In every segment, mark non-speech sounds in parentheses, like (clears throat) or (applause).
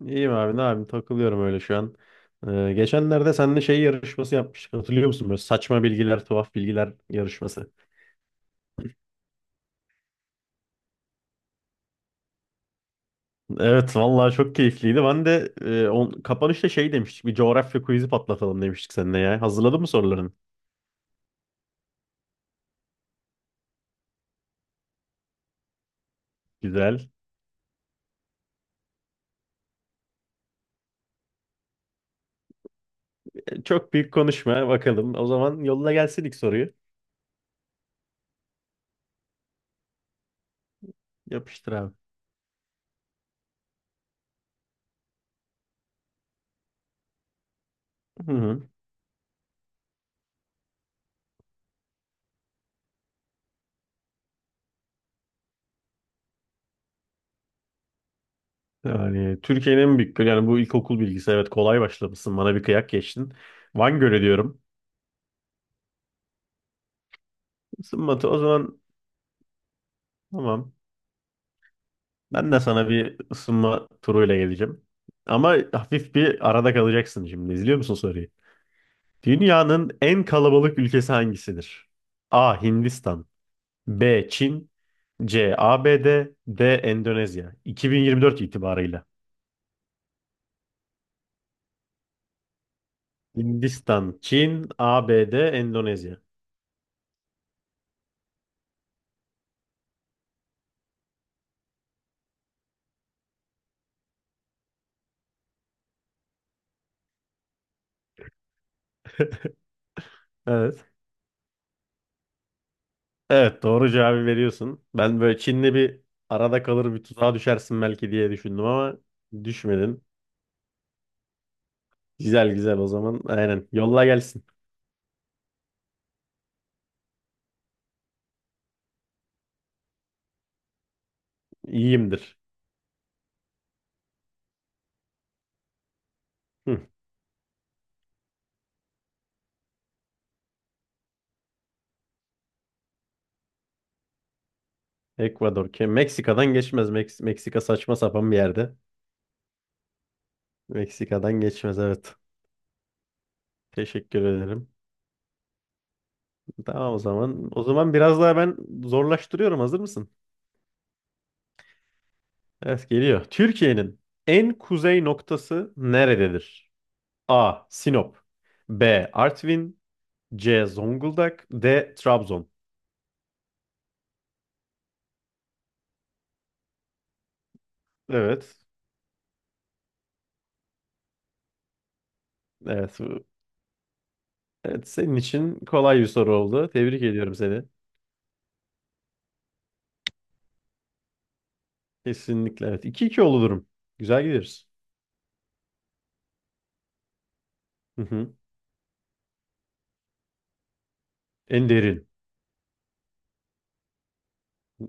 İyiyim abi ne yapayım takılıyorum öyle şu an. Geçenlerde seninle şey yarışması yapmıştık hatırlıyor musun? Böyle saçma bilgiler, tuhaf bilgiler yarışması. Evet vallahi çok keyifliydi. Ben de kapanışta şey demiştik, bir coğrafya quiz'i patlatalım demiştik seninle ya. Hazırladın mı soruların? Güzel. E, Çok büyük konuşma bakalım. O zaman yolla gelsin ilk soruyu. Yapıştır abi. Hı hı. Yani Türkiye'nin en büyük gölü, yani bu ilkokul bilgisi, evet kolay başlamışsın, bana bir kıyak geçtin. Van Gölü diyorum. Isınmatı o zaman, tamam. Ben de sana bir ısınma turuyla geleceğim. Ama hafif bir arada kalacaksın şimdi. İzliyor musun soruyu? Dünyanın en kalabalık ülkesi hangisidir? A. Hindistan B. Çin C. ABD D. D. Endonezya 2024 itibarıyla. Hindistan, Çin, ABD, Endonezya. Evet. Evet, doğru cevabı veriyorsun. Ben böyle Çin'le bir arada kalır, bir tuzağa düşersin belki diye düşündüm ama düşmedin. Güzel güzel o zaman. Aynen. Yolla gelsin. İyiyimdir. Hı, Ekvador. Meksika'dan geçmez. Meksika saçma sapan bir yerde. Meksika'dan geçmez, evet. Teşekkür ederim. Tamam o zaman. O zaman biraz daha ben zorlaştırıyorum. Hazır mısın? Evet, geliyor. Türkiye'nin en kuzey noktası nerededir? A. Sinop B. Artvin C. Zonguldak D. Trabzon Evet. Evet. bu- Evet, senin için kolay bir soru oldu. Tebrik ediyorum seni. Kesinlikle evet. iki iki oldu durum. Güzel gidiyoruz. Hı hı. En derin.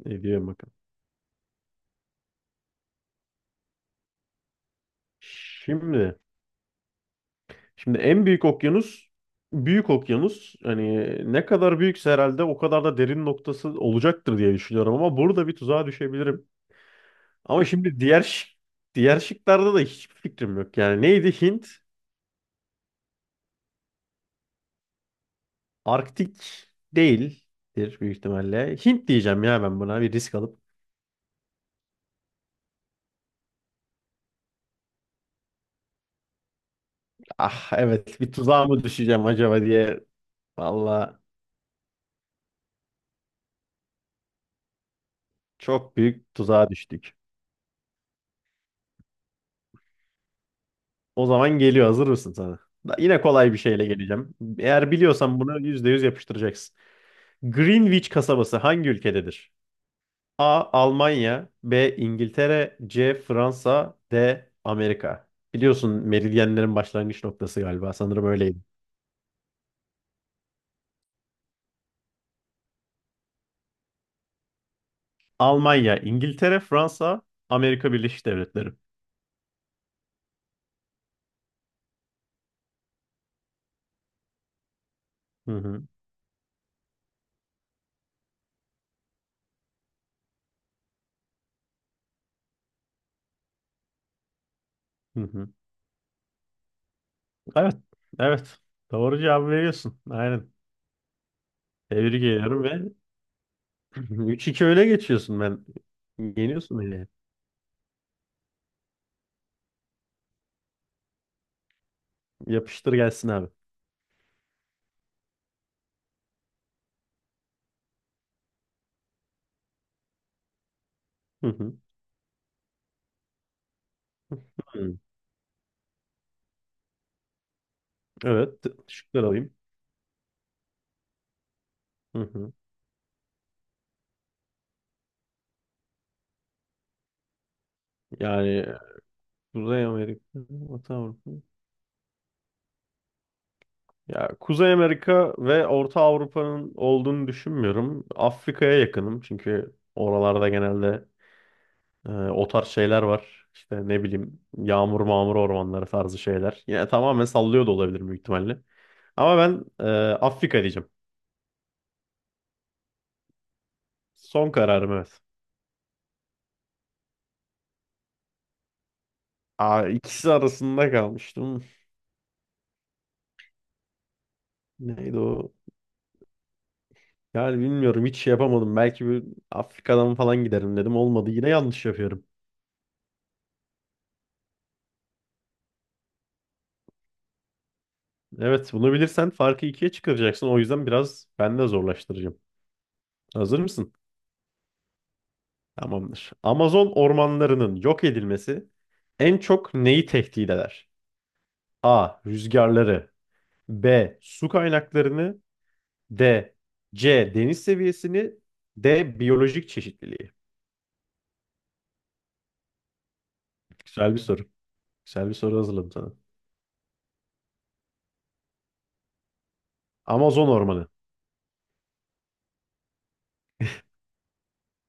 Ediyorum bakalım. Şimdi, şimdi en büyük okyanus büyük okyanus. Hani ne kadar büyükse herhalde o kadar da derin noktası olacaktır diye düşünüyorum ama burada bir tuzağa düşebilirim. Ama şimdi diğer şıklarda da hiçbir fikrim yok. Yani neydi Hint? Arktik değildir büyük ihtimalle. Hint diyeceğim ya, ben buna bir risk alıp. Ah evet, bir tuzağa mı düşeceğim acaba diye. Valla çok büyük tuzağa düştük. O zaman geliyor. Hazır mısın sana? Yine kolay bir şeyle geleceğim. Eğer biliyorsan bunu %100 yapıştıracaksın. Greenwich kasabası hangi ülkededir? A. Almanya B. İngiltere C. Fransa D. Amerika. Biliyorsun meridyenlerin başlangıç noktası galiba. Sanırım öyleydi. Almanya, İngiltere, Fransa, Amerika Birleşik Devletleri. Hı hı, hı hı. Evet, evet. Doğru cevabı veriyorsun. Aynen. Tebrik ediyorum ve (clears throat) üç iki öne geçiyorsun ben. Yeniyorsun beni. Yapıştır gelsin abi. Hı hı. Hı. Evet. Şıklar alayım. Hı hı. Yani Kuzey Amerika, Orta Avrupa. Ya Kuzey Amerika ve Orta Avrupa'nın olduğunu düşünmüyorum. Afrika'ya yakınım çünkü oralarda genelde o tarz şeyler var. İşte ne bileyim, yağmur mağmur ormanları tarzı şeyler. Yine tamamen sallıyor da olabilir büyük ihtimalle. Ama ben Afrika diyeceğim. Son kararım, evet. Aa, ikisi arasında kalmıştım. Neydi o? Yani bilmiyorum, hiç şey yapamadım. Belki bir Afrika'dan falan giderim dedim. Olmadı, yine yanlış yapıyorum. Evet, bunu bilirsen farkı ikiye çıkaracaksın. O yüzden biraz ben de zorlaştıracağım. Hazır mısın? Tamamdır. Amazon ormanlarının yok edilmesi en çok neyi tehdit eder? A. Rüzgarları B. Su kaynaklarını D. C. Deniz seviyesini D. Biyolojik çeşitliliği. Güzel bir soru. Güzel bir soru hazırladım sana. Amazon ormanı.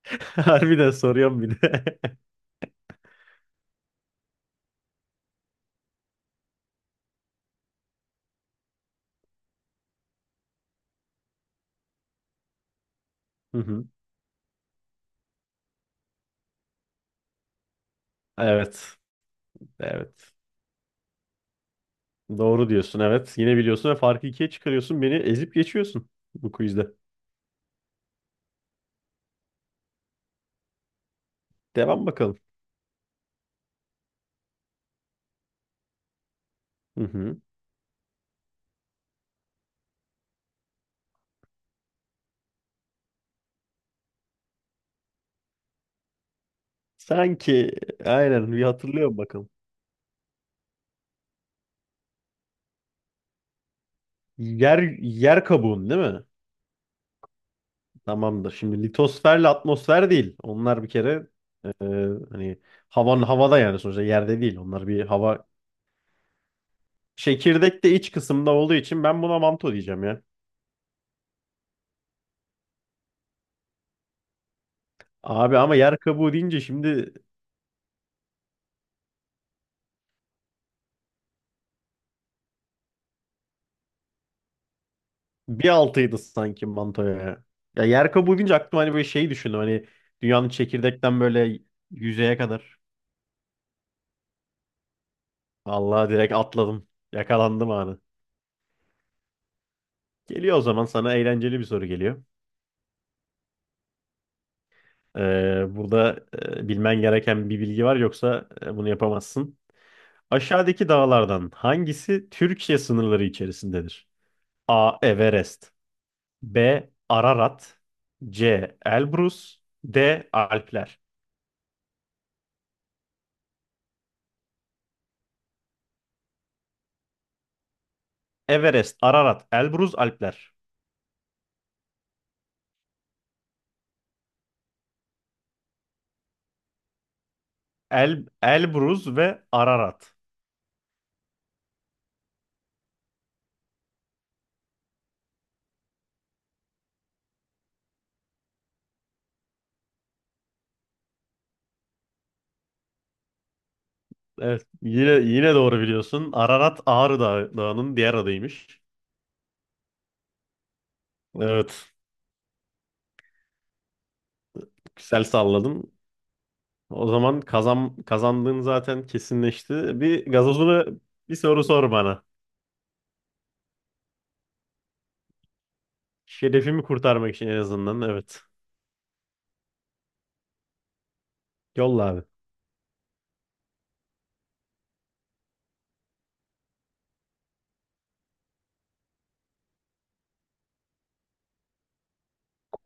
(laughs) Harbiden soruyorum bir de. (laughs) Hı hı. Evet. Evet. Doğru diyorsun, evet. Yine biliyorsun ve farkı ikiye çıkarıyorsun. Beni ezip geçiyorsun bu quizde. Devam bakalım. Hı hı. Sanki aynen bir hatırlıyorum bakalım. Yer kabuğun değil mi? Tamamdır. Şimdi litosferle atmosfer değil. Onlar bir kere e, hani havan havada, yani sonuçta yerde değil. Onlar bir hava, çekirdek de iç kısımda olduğu için ben buna manto diyeceğim ya. Abi ama yer kabuğu deyince şimdi bir altıydı sanki mantoya. Ya yer kabuğu deyince aklıma hani böyle şeyi düşündüm. Hani dünyanın çekirdekten böyle yüzeye kadar. Vallahi direkt atladım. Yakalandım anı. Geliyor o zaman, sana eğlenceli bir soru geliyor. Burada bilmen gereken bir bilgi var, yoksa bunu yapamazsın. Aşağıdaki dağlardan hangisi Türkiye sınırları içerisindedir? A. Everest B. Ararat C. Elbrus D. Alpler Everest, Ararat, Elbrus, Alpler. El, Elbruz ve Ararat. Evet, yine doğru biliyorsun. Ararat Dağı'nın diğer adıymış. Evet, güzel salladın. O zaman kazan, kazandığın zaten kesinleşti. Bir gazozuna bir soru sor bana. Şerefimi kurtarmak için en azından. Evet. Yolla abi.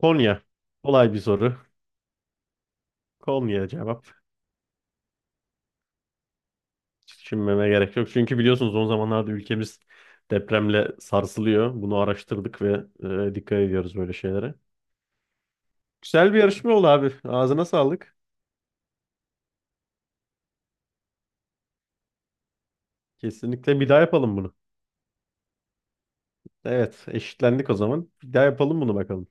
Konya. Kolay bir soru. Konya cevap. Hiç düşünmeme gerek yok. Çünkü biliyorsunuz, son zamanlarda ülkemiz depremle sarsılıyor. Bunu araştırdık ve dikkat ediyoruz böyle şeylere. Güzel bir yarışma oldu abi. Ağzına sağlık. Kesinlikle bir daha yapalım bunu. Evet, eşitlendik o zaman. Bir daha yapalım bunu bakalım.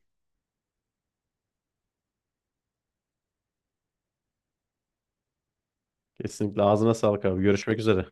Kesinlikle ağzına sağlık abi. Görüşmek üzere.